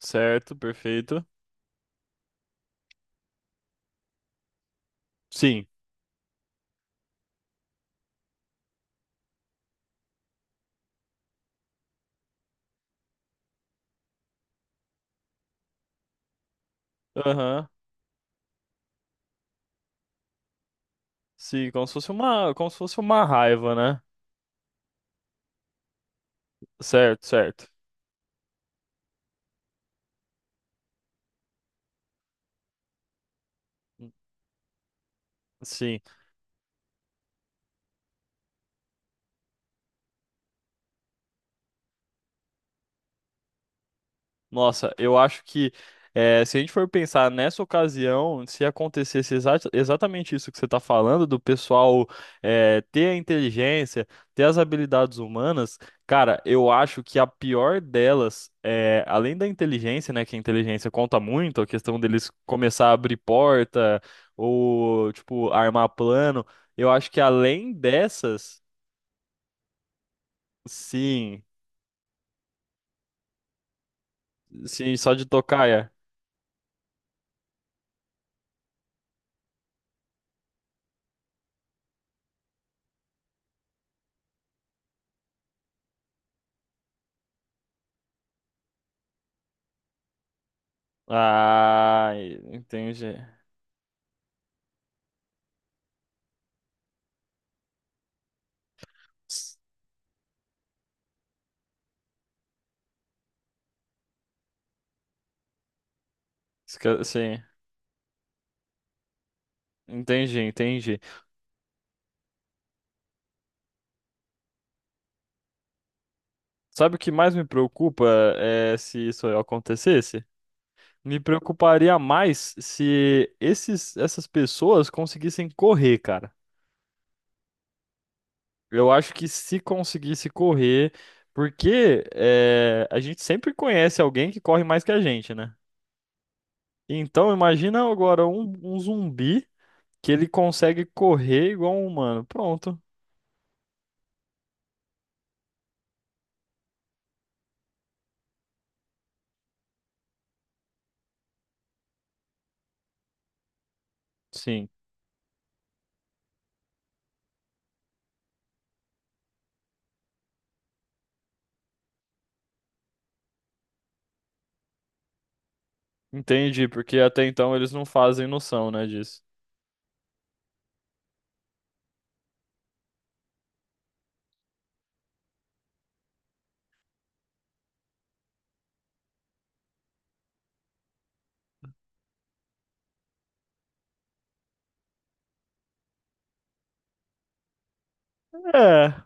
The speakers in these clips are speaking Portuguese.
Certo, perfeito. Sim. Aham. Sim, como se fosse uma raiva, né? Certo, certo. Sim. Nossa, eu acho que se a gente for pensar nessa ocasião, se acontecesse exatamente isso que você está falando, do pessoal ter a inteligência, ter as habilidades humanas, cara, eu acho que a pior delas, além da inteligência, né, que a inteligência conta muito, a questão deles começar a abrir porta ou, tipo, armar plano, eu acho que além dessas, sim, sim, só de tocaia. Ah, entendi. Sim, entendi, entendi. Sabe o que mais me preocupa é se isso acontecesse? Me preocuparia mais se esses, essas pessoas conseguissem correr, cara. Eu acho que se conseguisse correr, porque é, a gente sempre conhece alguém que corre mais que a gente, né? Então imagina agora um, zumbi que ele consegue correr igual um humano. Pronto. Sim, entendi, porque até então eles não fazem noção, né, disso. É.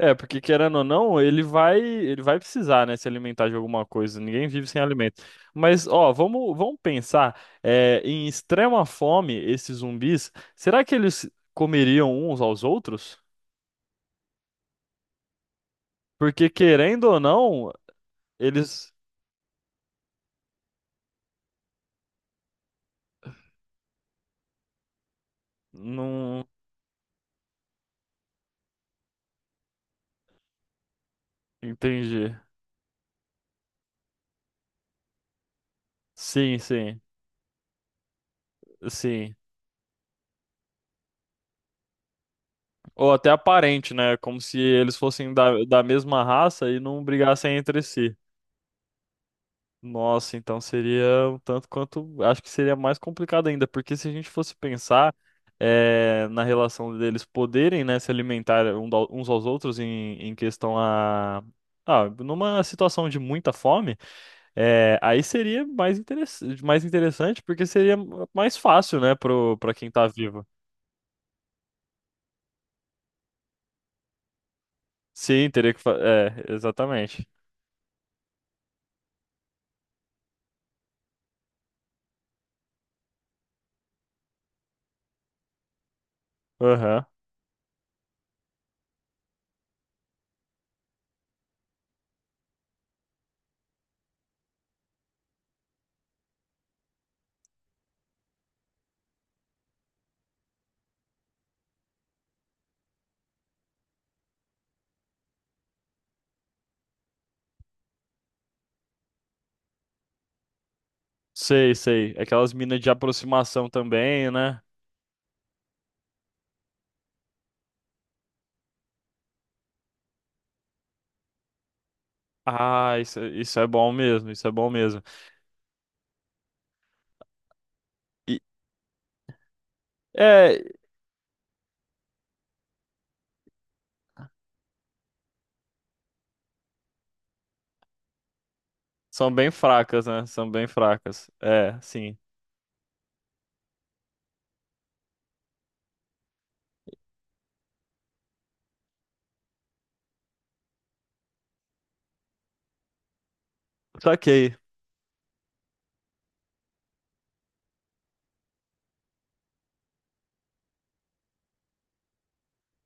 É, porque querendo ou não, ele vai precisar, né, se alimentar de alguma coisa. Ninguém vive sem alimento. Mas, ó, vamos pensar, em extrema fome, esses zumbis, será que eles comeriam uns aos outros? Porque querendo ou não, eles não entendi. Sim, sim, sim. Ou até aparente, né? Como se eles fossem da mesma raça e não brigassem entre si. Nossa, então seria um tanto quanto. Acho que seria mais complicado ainda, porque se a gente fosse pensar na relação deles poderem, né, se alimentar um uns aos outros em questão a. Ah, numa situação de muita fome, aí seria mais interessante, porque seria mais fácil, né, pra quem tá vivo. Sim, teria que. É, exatamente. Aham. Sei, sei. Aquelas minas de aproximação também, né? Ah, isso é bom mesmo, isso é bom mesmo. E- é, são bem fracas, né? São bem fracas. É, sim. Saquei.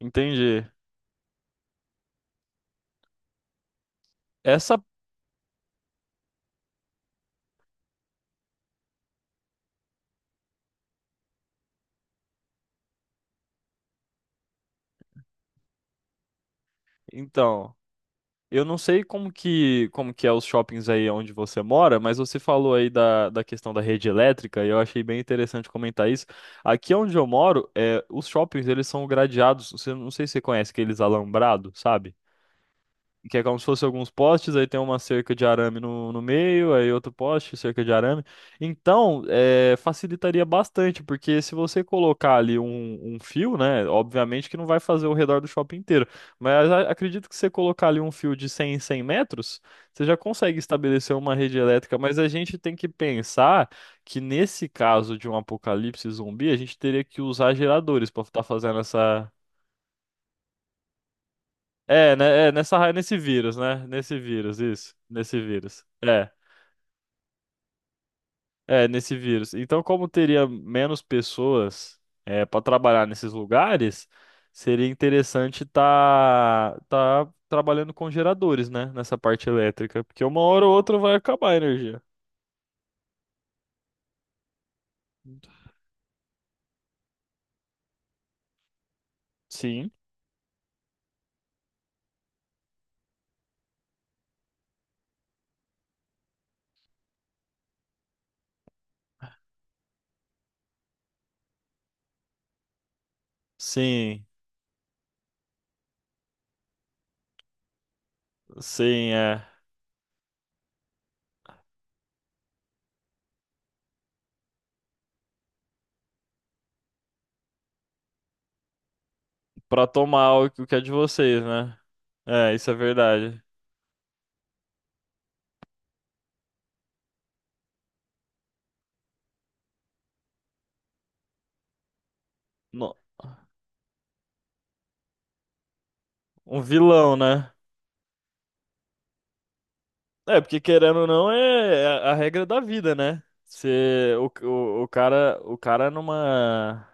Entendi. Essa, então, eu não sei como que é os shoppings aí onde você mora, mas você falou aí da questão da rede elétrica e eu achei bem interessante comentar isso. Aqui onde eu moro, é, os shoppings, eles são gradeados, você não sei se você conhece aqueles alambrados, sabe? Que é como se fosse alguns postes, aí tem uma cerca de arame no, no meio, aí outro poste, cerca de arame. Então, é, facilitaria bastante, porque se você colocar ali um, fio, né, obviamente que não vai fazer o redor do shopping inteiro, mas acredito que você colocar ali um fio de 100 em 100 metros, você já consegue estabelecer uma rede elétrica, mas a gente tem que pensar que nesse caso de um apocalipse zumbi, a gente teria que usar geradores para estar fazendo essa é, né, nesse vírus, né? Nesse vírus, isso. Nesse vírus. É, é, nesse vírus. Então, como teria menos pessoas é, para trabalhar nesses lugares, seria interessante tá, trabalhando com geradores, né? Nessa parte elétrica, porque uma hora ou outra vai acabar a energia. Sim, sim, sim, é. Para tomar o que é de vocês, né? É, isso é verdade. No- Um vilão, né? É, porque querendo ou não é a regra da vida, né? Você, o cara,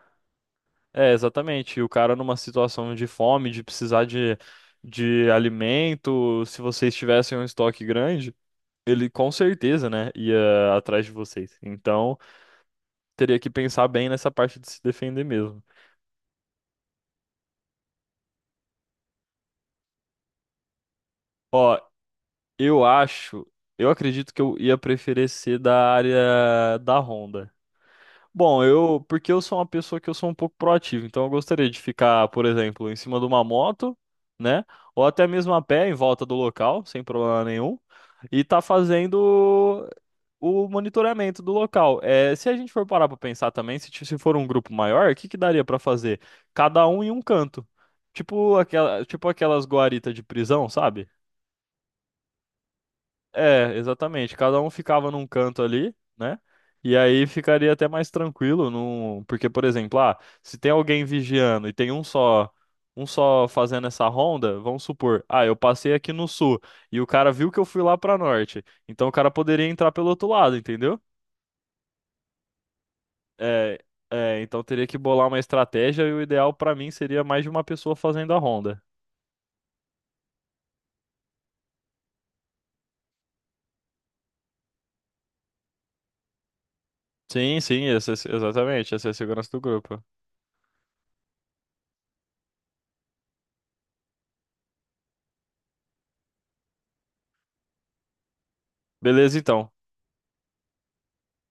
é, exatamente, o cara numa situação de fome, de precisar de alimento, se vocês tivessem um estoque grande, ele com certeza, né, ia atrás de vocês. Então, teria que pensar bem nessa parte de se defender mesmo. Ó, eu acho, eu acredito que eu ia preferir ser da área da Honda. Bom, eu, porque eu sou uma pessoa que eu sou um pouco proativo, então eu gostaria de ficar, por exemplo, em cima de uma moto, né? Ou até mesmo a pé em volta do local, sem problema nenhum, e tá fazendo o monitoramento do local. É, se a gente for parar para pensar também, se for um grupo maior, o que que daria para fazer? Cada um em um canto. Tipo aquela, tipo aquelas guaritas de prisão, sabe? É, exatamente. Cada um ficava num canto ali, né? E aí ficaria até mais tranquilo, num porque, por exemplo, ah, se tem alguém vigiando e tem um só, fazendo essa ronda, vamos supor, ah, eu passei aqui no sul e o cara viu que eu fui lá pra norte, então o cara poderia entrar pelo outro lado, entendeu? É, é, então teria que bolar uma estratégia e o ideal pra mim seria mais de uma pessoa fazendo a ronda. Sim, sim, essa, exatamente, essa é a segurança do grupo. Beleza, então.